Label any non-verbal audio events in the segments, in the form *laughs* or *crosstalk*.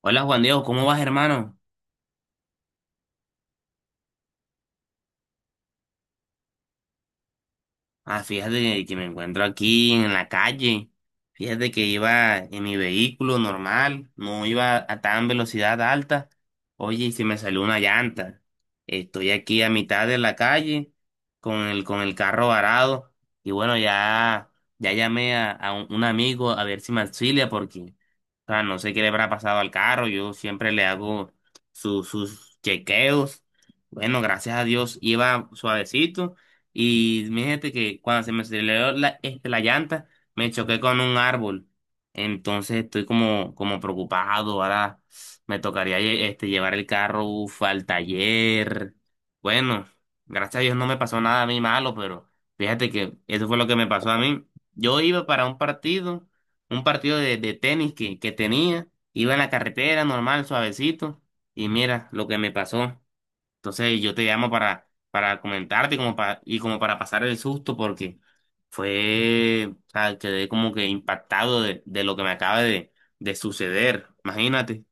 Hola Juan Diego, ¿cómo vas, hermano? Fíjate que me encuentro aquí en la calle. Fíjate que iba en mi vehículo normal, no iba a tan velocidad alta. Oye, y se me salió una llanta. Estoy aquí a mitad de la calle con el carro varado. Y bueno, ya llamé a un amigo a ver si me auxilia porque, o sea, no sé qué le habrá pasado al carro. Yo siempre le hago sus chequeos. Bueno, gracias a Dios iba suavecito y fíjate que cuando se me aceleró la llanta, me choqué con un árbol. Entonces estoy como preocupado. Ahora me tocaría llevar el carro uf, al taller. Bueno, gracias a Dios no me pasó nada a mí malo, pero fíjate que eso fue lo que me pasó a mí. Yo iba para un partido de tenis que tenía. Iba en la carretera normal, suavecito. Y mira lo que me pasó. Entonces yo te llamo para comentarte como como para pasar el susto porque o sea, quedé como que impactado de lo que me acaba de suceder. Imagínate.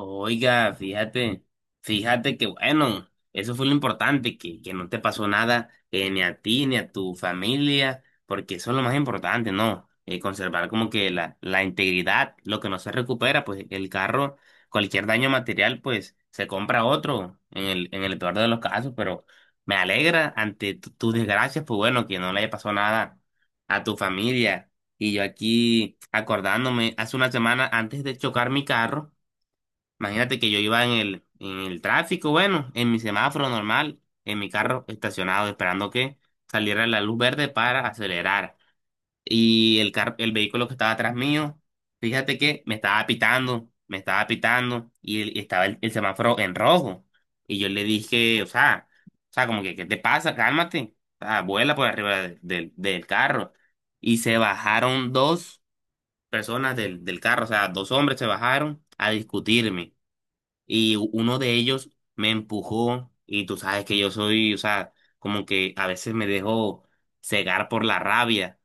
Oiga, fíjate que bueno, eso fue lo importante, que no te pasó nada ni a ti ni a tu familia, porque eso es lo más importante, ¿no? Conservar como que la integridad, lo que no se recupera, pues el carro, cualquier daño material, pues se compra otro en en el peor de los casos, pero me alegra ante tus desgracias, pues bueno, que no le haya pasado nada a tu familia. Y yo aquí acordándome, hace una semana antes de chocar mi carro, imagínate que yo iba en en el tráfico, bueno, en mi semáforo normal, en mi carro estacionado, esperando que saliera la luz verde para acelerar. Y el vehículo que estaba atrás mío, fíjate que me estaba pitando, y, y estaba el semáforo en rojo. Y yo le dije, como que, ¿qué te pasa? Cálmate. O sea, vuela por arriba del del carro. Y se bajaron dos personas del carro, o sea, dos hombres se bajaron a discutirme y uno de ellos me empujó y tú sabes que yo soy, o sea, como que a veces me dejo cegar por la rabia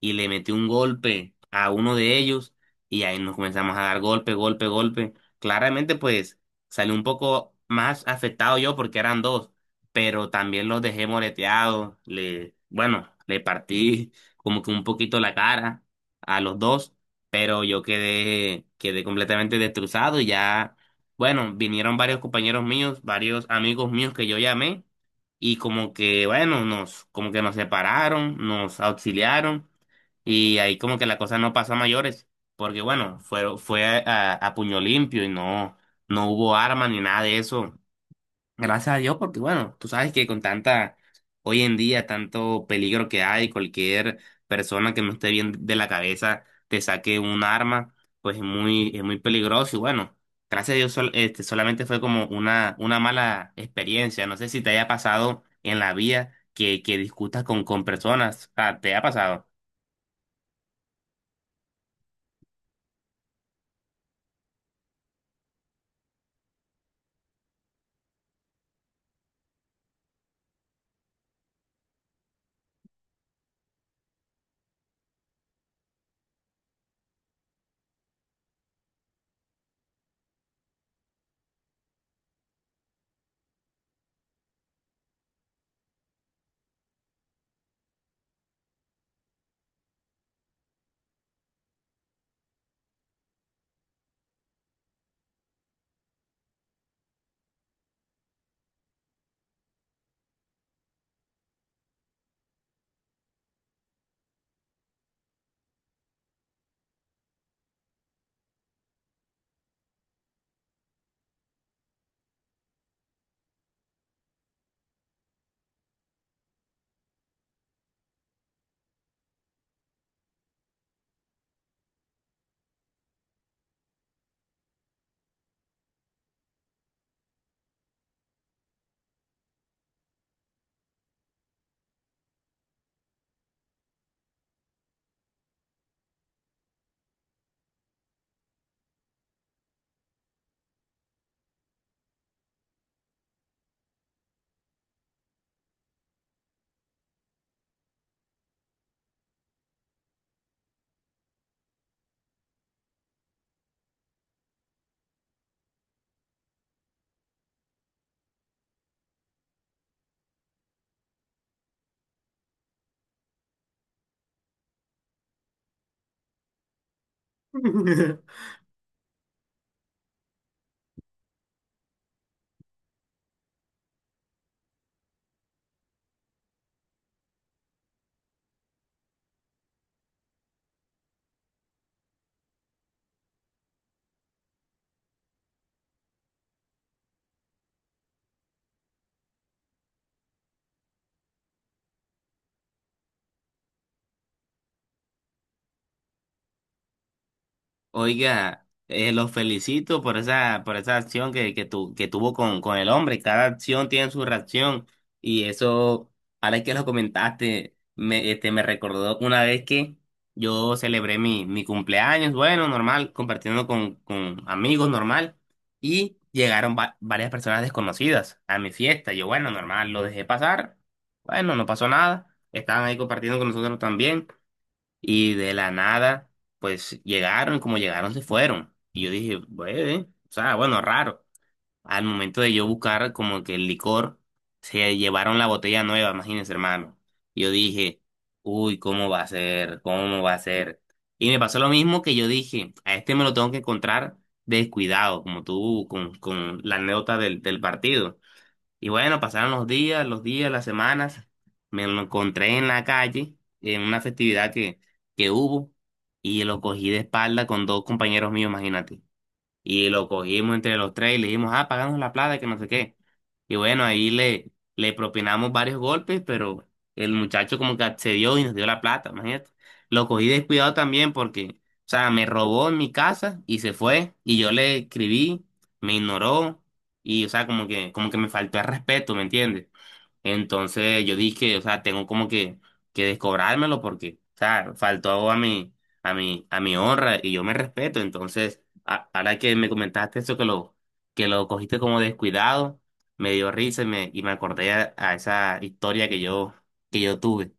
y le metí un golpe a uno de ellos y ahí nos comenzamos a dar golpe, golpe, golpe. Claramente pues salí un poco más afectado yo porque eran dos, pero también los dejé moreteados, le, bueno, le partí *laughs* como que un poquito la cara a los dos, pero yo quedé completamente destrozado y ya bueno, vinieron varios compañeros míos, varios amigos míos que yo llamé y como que, bueno, nos, como que nos separaron, nos auxiliaron y ahí como que la cosa no pasó a mayores, porque bueno, fue a puño limpio y no, no hubo arma ni nada de eso. Gracias a Dios, porque bueno, tú sabes que con tanta, hoy en día, tanto peligro que hay, cualquier persona que no esté bien de la cabeza te saque un arma, pues es es muy peligroso. Y bueno, gracias a Dios, solamente fue como una mala experiencia. No sé si te haya pasado en la vida que discutas con personas. Ah, ¿te ha pasado? *laughs* Oiga, los felicito por esa acción que tuvo con el hombre. Cada acción tiene su reacción. Y eso, ahora que lo comentaste, me, este, me recordó una vez que yo celebré mi cumpleaños, bueno, normal, compartiendo con amigos, normal. Y llegaron varias personas desconocidas a mi fiesta. Yo, bueno, normal, lo dejé pasar. Bueno, no pasó nada. Estaban ahí compartiendo con nosotros también. Y de la nada, pues llegaron, como llegaron, se fueron. Y yo dije, bueno, o sea, bueno, raro. Al momento de yo buscar como que el licor, se llevaron la botella nueva, imagínense, hermano. Y yo dije, uy, ¿cómo va a ser? ¿Cómo va a ser? Y me pasó lo mismo que yo dije, a este me lo tengo que encontrar descuidado, como tú, con la anécdota del partido. Y bueno, pasaron los días, las semanas. Me lo encontré en la calle, en una festividad que hubo, y lo cogí de espalda con dos compañeros míos, imagínate. Y lo cogimos entre los tres y le dijimos, ah, pagamos la plata, que no sé qué. Y bueno, ahí le, le propinamos varios golpes, pero el muchacho como que accedió y nos dio la plata, imagínate. Lo cogí descuidado también porque, o sea, me robó en mi casa y se fue. Y yo le escribí, me ignoró y, o sea, como que me faltó el respeto, ¿me entiendes? Entonces yo dije, o sea, tengo como que descobrármelo porque, o sea, faltó a a mi honra y yo me respeto. Entonces, a- ahora que me comentaste eso que lo cogiste como descuidado, me dio risa y me acordé a esa historia que yo tuve.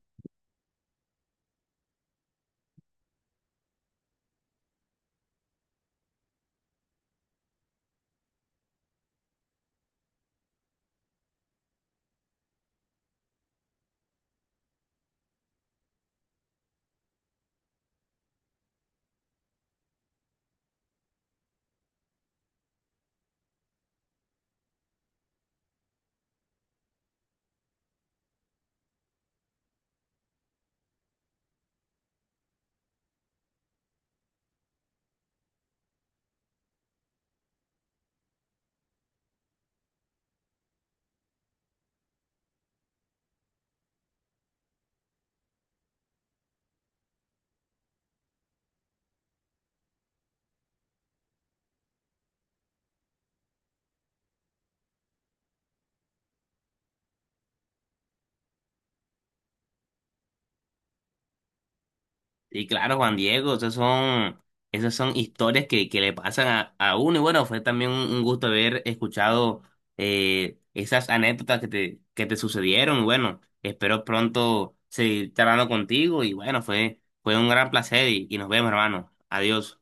Y claro, Juan Diego, esas son historias que le pasan a uno. Y bueno, fue también un gusto haber escuchado esas anécdotas que te sucedieron. Y bueno, espero pronto seguir charlando contigo. Y bueno, fue un gran placer y nos vemos, hermano. Adiós.